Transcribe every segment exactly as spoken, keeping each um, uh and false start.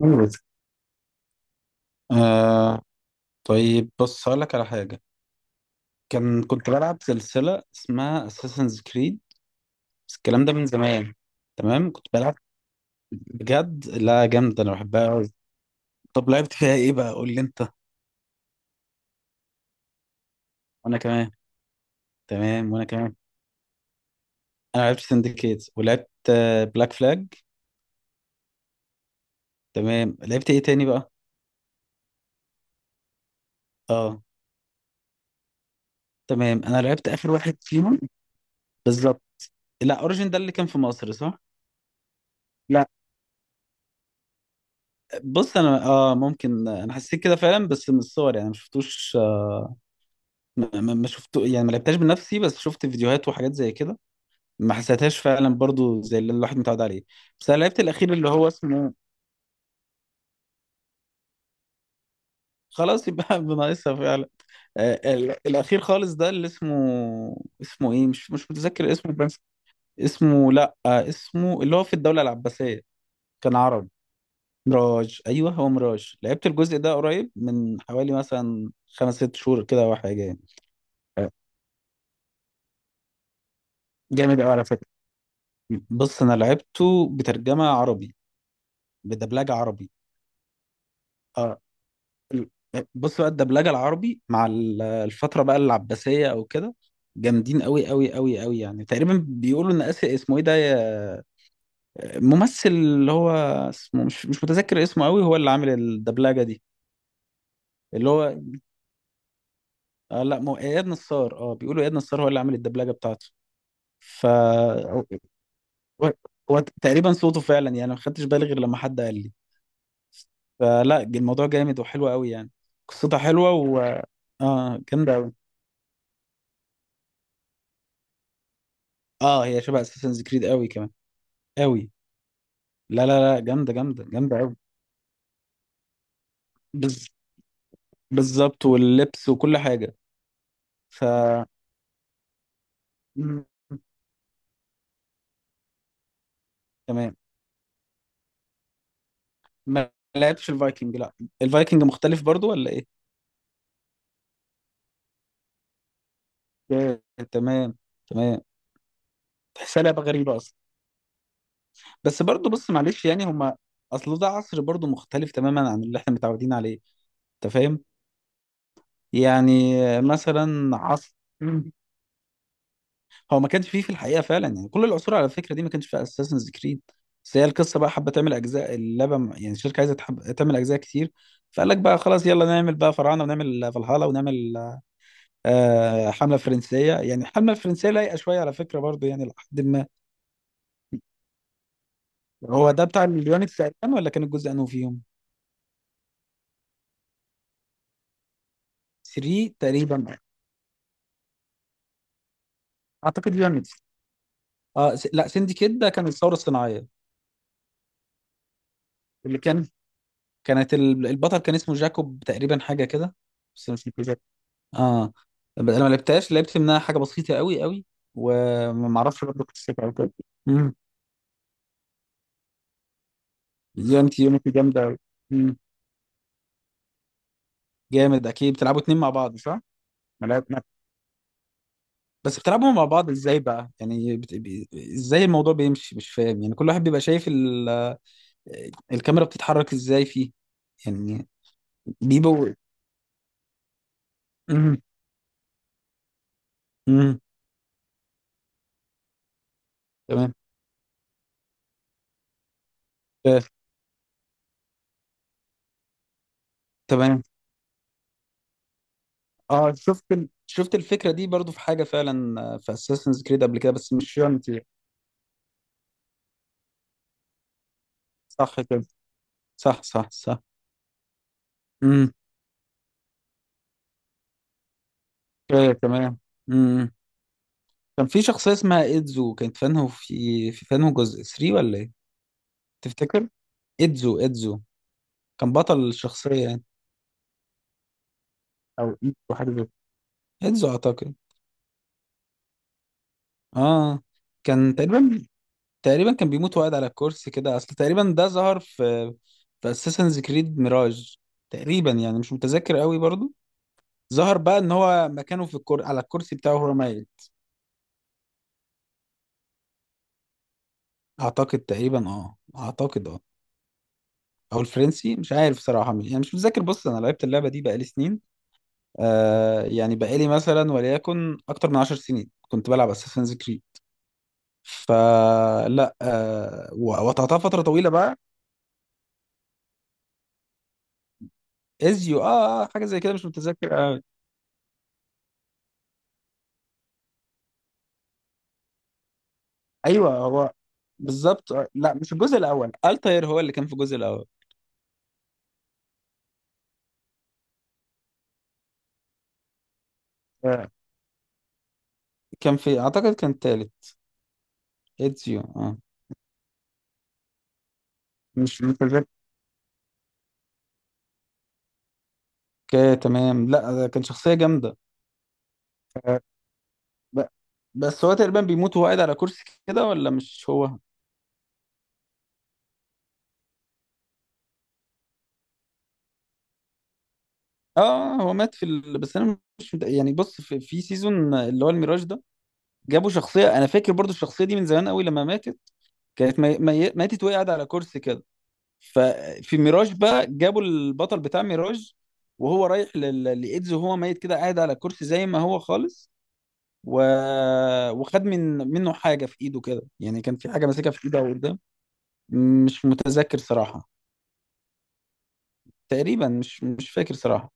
مم. آه. طيب بص هقول لك على حاجة. كان كنت بلعب سلسلة اسمها اساسنز كريد، بس الكلام ده من زمان. تمام، كنت بلعب بجد. لا جامدة، أنا بحبها أوي. طب لعبت فيها إيه بقى؟ قول لي أنت. وأنا كمان. تمام وأنا كمان. أنا لعبت سندكيت ولعبت بلاك فلاج. تمام. لعبت إيه تاني بقى؟ أه، تمام. أنا لعبت آخر واحد فيهم بالظبط. لا، اوريجين ده اللي كان في مصر، صح؟ لا، بص انا اه ممكن انا حسيت كده فعلا بس من الصور، يعني ما شفتوش. ما, ما ما شفت، يعني ما لعبتهاش بنفسي، بس شفت فيديوهات وحاجات زي كده. ما حسيتهاش فعلا برضو زي اللي الواحد متعود عليه. بس انا لعبت الاخير اللي هو اسمه، خلاص يبقى بناقصها فعلا. آه، ال- الاخير خالص ده اللي اسمه، اسمه ايه؟ مش مش متذكر اسمه بس. اسمه، لا آه، اسمه اللي هو في الدولة العباسية، كان عربي. ميراج، ايوه هو ميراج. لعبت الجزء ده قريب من حوالي مثلا خمس ست شهور كده او حاجه يعني. آه، جامد قوي على فكره. بص انا لعبته بترجمه عربي، بدبلجه عربي. اه ال- بص بقى الدبلجه العربي مع ال- الفتره بقى العباسيه او كده، جامدين قوي قوي قوي قوي. يعني تقريبا بيقولوا ان اسر اسمه ايه ده يا- ممثل اللي هو اسمه، مش مش متذكر اسمه قوي، هو اللي عامل الدبلجه دي اللي هو، آه لا مو اياد نصار. اه بيقولوا اياد نصار هو اللي عامل الدبلجه بتاعته. ف هو، هو تقريبا صوته فعلا، يعني ما خدتش بالي غير لما حد قال لي. فلا الموضوع جامد وحلو قوي يعني، قصتها حلوه و اه جامده. اه، هي شبه اساسنز كريد قوي كمان، قوي. لا لا لا جامده جامده جامده قوي. بز... بالظبط، واللبس وكل حاجه. ف مم. تمام. ما لعبتش الفايكنج، لا. الفايكنج مختلف برضو ولا ايه؟ اوكي، تمام. تمام، تحسها لعبه غريبه اصلا. بس برضو بص معلش يعني هما، اصل ده عصر برضو مختلف تماما عن اللي احنا متعودين عليه، انت فاهم؟ يعني مثلا عصر، هو ما كانش فيه في الحقيقه فعلا يعني. كل العصور على الفكره دي ما كانش في اساسنز كريد، بس هي القصه بقى حابه تعمل اجزاء اللعبه م- يعني الشركه عايزه تحب تعمل اجزاء كتير. فقال لك بقى خلاص يلا نعمل بقى فراعنه ونعمل فالهالا ونعمل آه حمله فرنسيه. يعني الحمله الفرنسيه لايقه شويه على فكره برضو يعني، لحد ما هو ده بتاع اليونتس تقريبا ولا كان الجزء انه فيهم؟ تلاتة تقريبا. اعتقد يونتس. اه س... لا سندكيت ده كان الثوره الصناعيه. اللي كان كانت ال- البطل كان اسمه جاكوب تقريبا، حاجه كده، بس أنا مش فاكر. اه ب- انا ما لعبتهاش، لعبت منها حاجه بسيطه قوي قوي، وما اعرفش برضه قصتها او كده. امم. يونتي يونتي جامده قوي. امم، جامد. اكيد بتلعبوا اتنين مع بعض صح؟ ما لعب- ما- بس بتلعبوا مع بعض ازاي بقى؟ يعني بت... ب... ازاي الموضوع بيمشي؟ مش فاهم يعني. كل واحد بيبقى شايف ال... الكاميرا بتتحرك ازاي فيه يعني؟ بيبو. امم. امم. تمام. آه، تمام. اه شفت ال... شفت الفكره دي برضو في حاجه فعلا، آه، في اساسنز كريد قبل كده بس مش يونتي. صح كده. صح صح صح. امم. ايه تمام. امم. كان في شخصية اسمها إيدزو، كانت فانه في في فانه جزء تلاتة ولا ايه تفتكر؟ إيدزو، إيدزو كان بطل الشخصية يعني. او إيدزو حاجة زي كده. إيدزو اعتقد. اه، كان تقريبا، تقريبا كان بيموت وقاعد على الكرسي كده، اصل تقريبا ده ظهر في، في اساسنز كريد ميراج. تقريبا يعني مش متذكر قوي برضو. ظهر بقى ان هو مكانه في الكر... على الكرسي بتاعه هو مايل. اعتقد تقريبا اه، اعتقد اه. او الفرنسي مش عارف صراحه، مش يعني مش متذكر. بص انا لعبت اللعبه دي بقالي سنين. آه يعني بقالي مثلا وليكن اكتر من عشر سنين كنت بلعب اساسنز كريد. فلا آه و- وقطعتها فتره طويله بقى. ازيو، اه آه، حاجه زي كده مش متذكر آه. ايوه، هو بالظبط. آه، لا مش الجزء الاول، التاير هو اللي كان في الجزء الاول. آه. كان في اعتقد كان التالت، ازيو اه. مش متذكر. تمام. لا ده كان شخصيه جامده. آه. ب- بس هو تقريبا بيموت وهو قاعد على كرسي كده، ولا مش هو؟ اه، هو مات في ال... بس انا مش مت- يعني بص في, في سيزون اللي هو الميراج ده، جابوا شخصيه انا فاكر برضو الشخصيه دي من زمان قوي لما ماتت. كانت مي... مي... ماتت وهي قاعده على كرسي كده. ففي ميراج بقى جابوا البطل بتاع ميراج، وهو رايح لل... لايدز وهو ميت كده قاعد على كرسي زي ما هو خالص. و... وخد من منه حاجه في ايده كده، يعني كان في حاجه ماسكها في ايده او قدام. مش متذكر صراحه. تقريبا مش مش فاكر صراحه.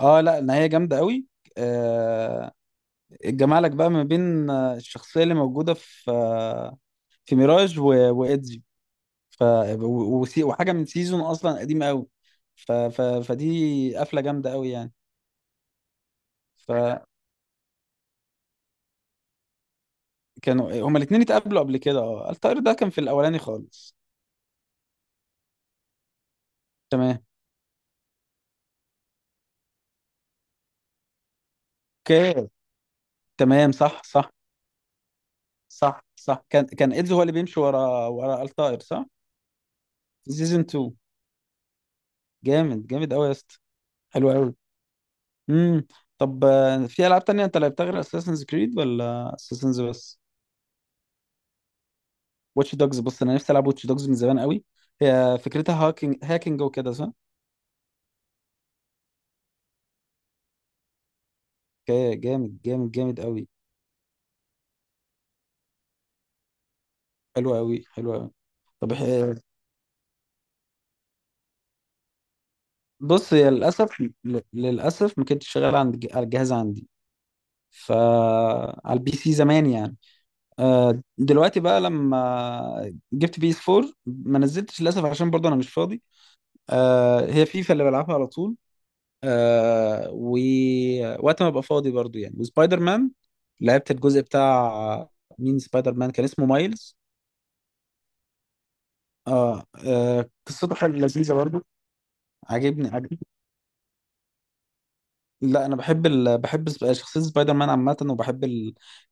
اه لا، النهايه جامده قوي. جمالك بقى ما بين آه، الشخصيه اللي موجوده في آه، في ميراج و- وايدزي، ف و- وسي- وحاجه من سيزون اصلا قديمه قوي. ف... ف... فدي قفله جامده قوي يعني. فكانوا، هما الاثنين اتقابلوا قبل كده. اه الطائر ده كان في الاولاني خالص. تمام، اوكي، تمام. صح صح صح. صح، كان كان ايدزي هو اللي بيمشي ورا ورا الطائر، صح. في سيزون اتنين. جامد جامد قوي يا اسطى. حلو قوي. امم. طب آه، في العاب تانية انت لعبتها غير اساسنز كريد ولا اساسنز بس؟ واتش دوجز، بص انا نفسي العب واتش دوجز من زمان قوي. هي فكرتها هاكينج، هاكينج وكده صح؟ اوكي، جامد جامد جامد قوي. حلو قوي، حلو قوي. طب إح- بص هي للاسف ل- للاسف ما كانتش شغاله عند الج- على الجهاز عندي، فا على البي سي زمان يعني. آه، دلوقتي بقى لما جبت بي اس فور ما نزلتش للاسف عشان برضه انا مش فاضي. آه، هي فيفا اللي بلعبها على طول. آه، ووقت ما ابقى فاضي برضو يعني، وسبايدر مان. لعبت الجزء بتاع مين سبايدر مان، كان اسمه مايلز. اه, آه قصته حلوه لذيذه برضو. عاجبني عاجبني. لا انا بحب ال... بحب سب- شخصيه سبايدر مان عامه، وبحب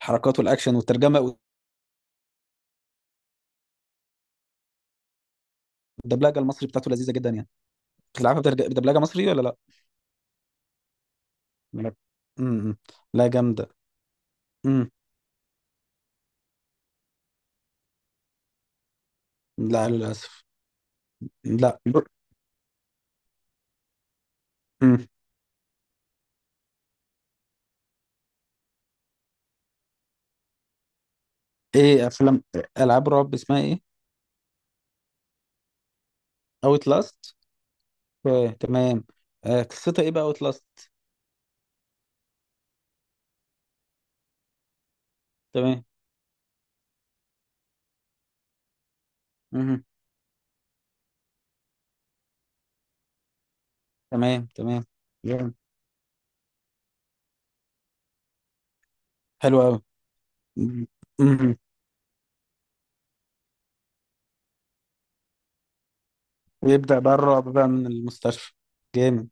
الحركات والاكشن والترجمه، والدبلجه المصري بتاعته لذيذه جدا يعني. بتلعبها بدرج- بدبلجه مصري ولا لا؟ لا. امم. لا جامده. امم. لا للاسف. لا. امم. ايه افلام، العاب رعب اسمها ايه؟ اوت لاست. اوكي تمام. آه، قصتها ايه بقى اوتلاست؟ تمام. مهم. تمام. تمام. جامد. حلو قوي. ويبدأ بقى الرعب بقى من المستشفى. جامد.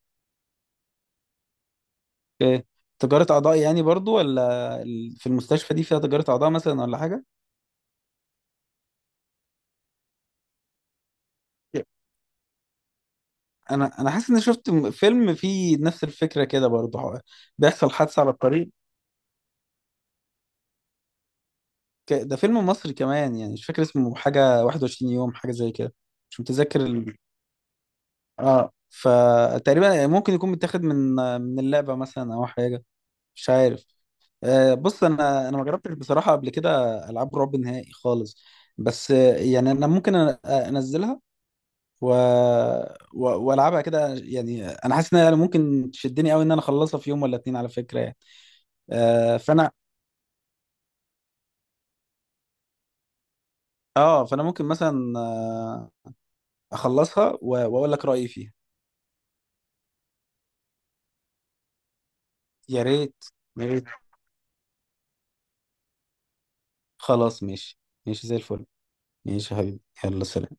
اوكي. تجارة أعضاء يعني برضو، ولا ال- في المستشفى دي فيها تجارة أعضاء مثلا ولا حاجة؟ يب. أنا أنا حاسس إني شفت م- فيلم فيه نفس الفكرة كده برضو، هو بيحصل حادثة على الطريق. ك- ده فيلم مصري كمان، يعني مش فاكر اسمه، حاجة واحد وعشرين يوم حاجة زي كده. مش متذكر. اه، فتقريبا ممكن يكون متاخد من، من اللعبه مثلا او حاجه، مش عارف. آه بص انا، انا ما جربتش بصراحه قبل كده العاب رعب نهائي خالص. بس آه، يعني انا ممكن أن- انزلها و... و... والعبها كده. يعني انا حاسس انها ممكن تشدني قوي ان انا اخلصها في يوم ولا اتنين على فكره يعني. آه فانا، اه فانا ممكن مثلا آه، اخلصها و... واقول لك رايي فيها. يا ريت. يا ريت. خلاص ماشي. ماشي زي الفل. ماشي يا حبيبي، يلا سلام.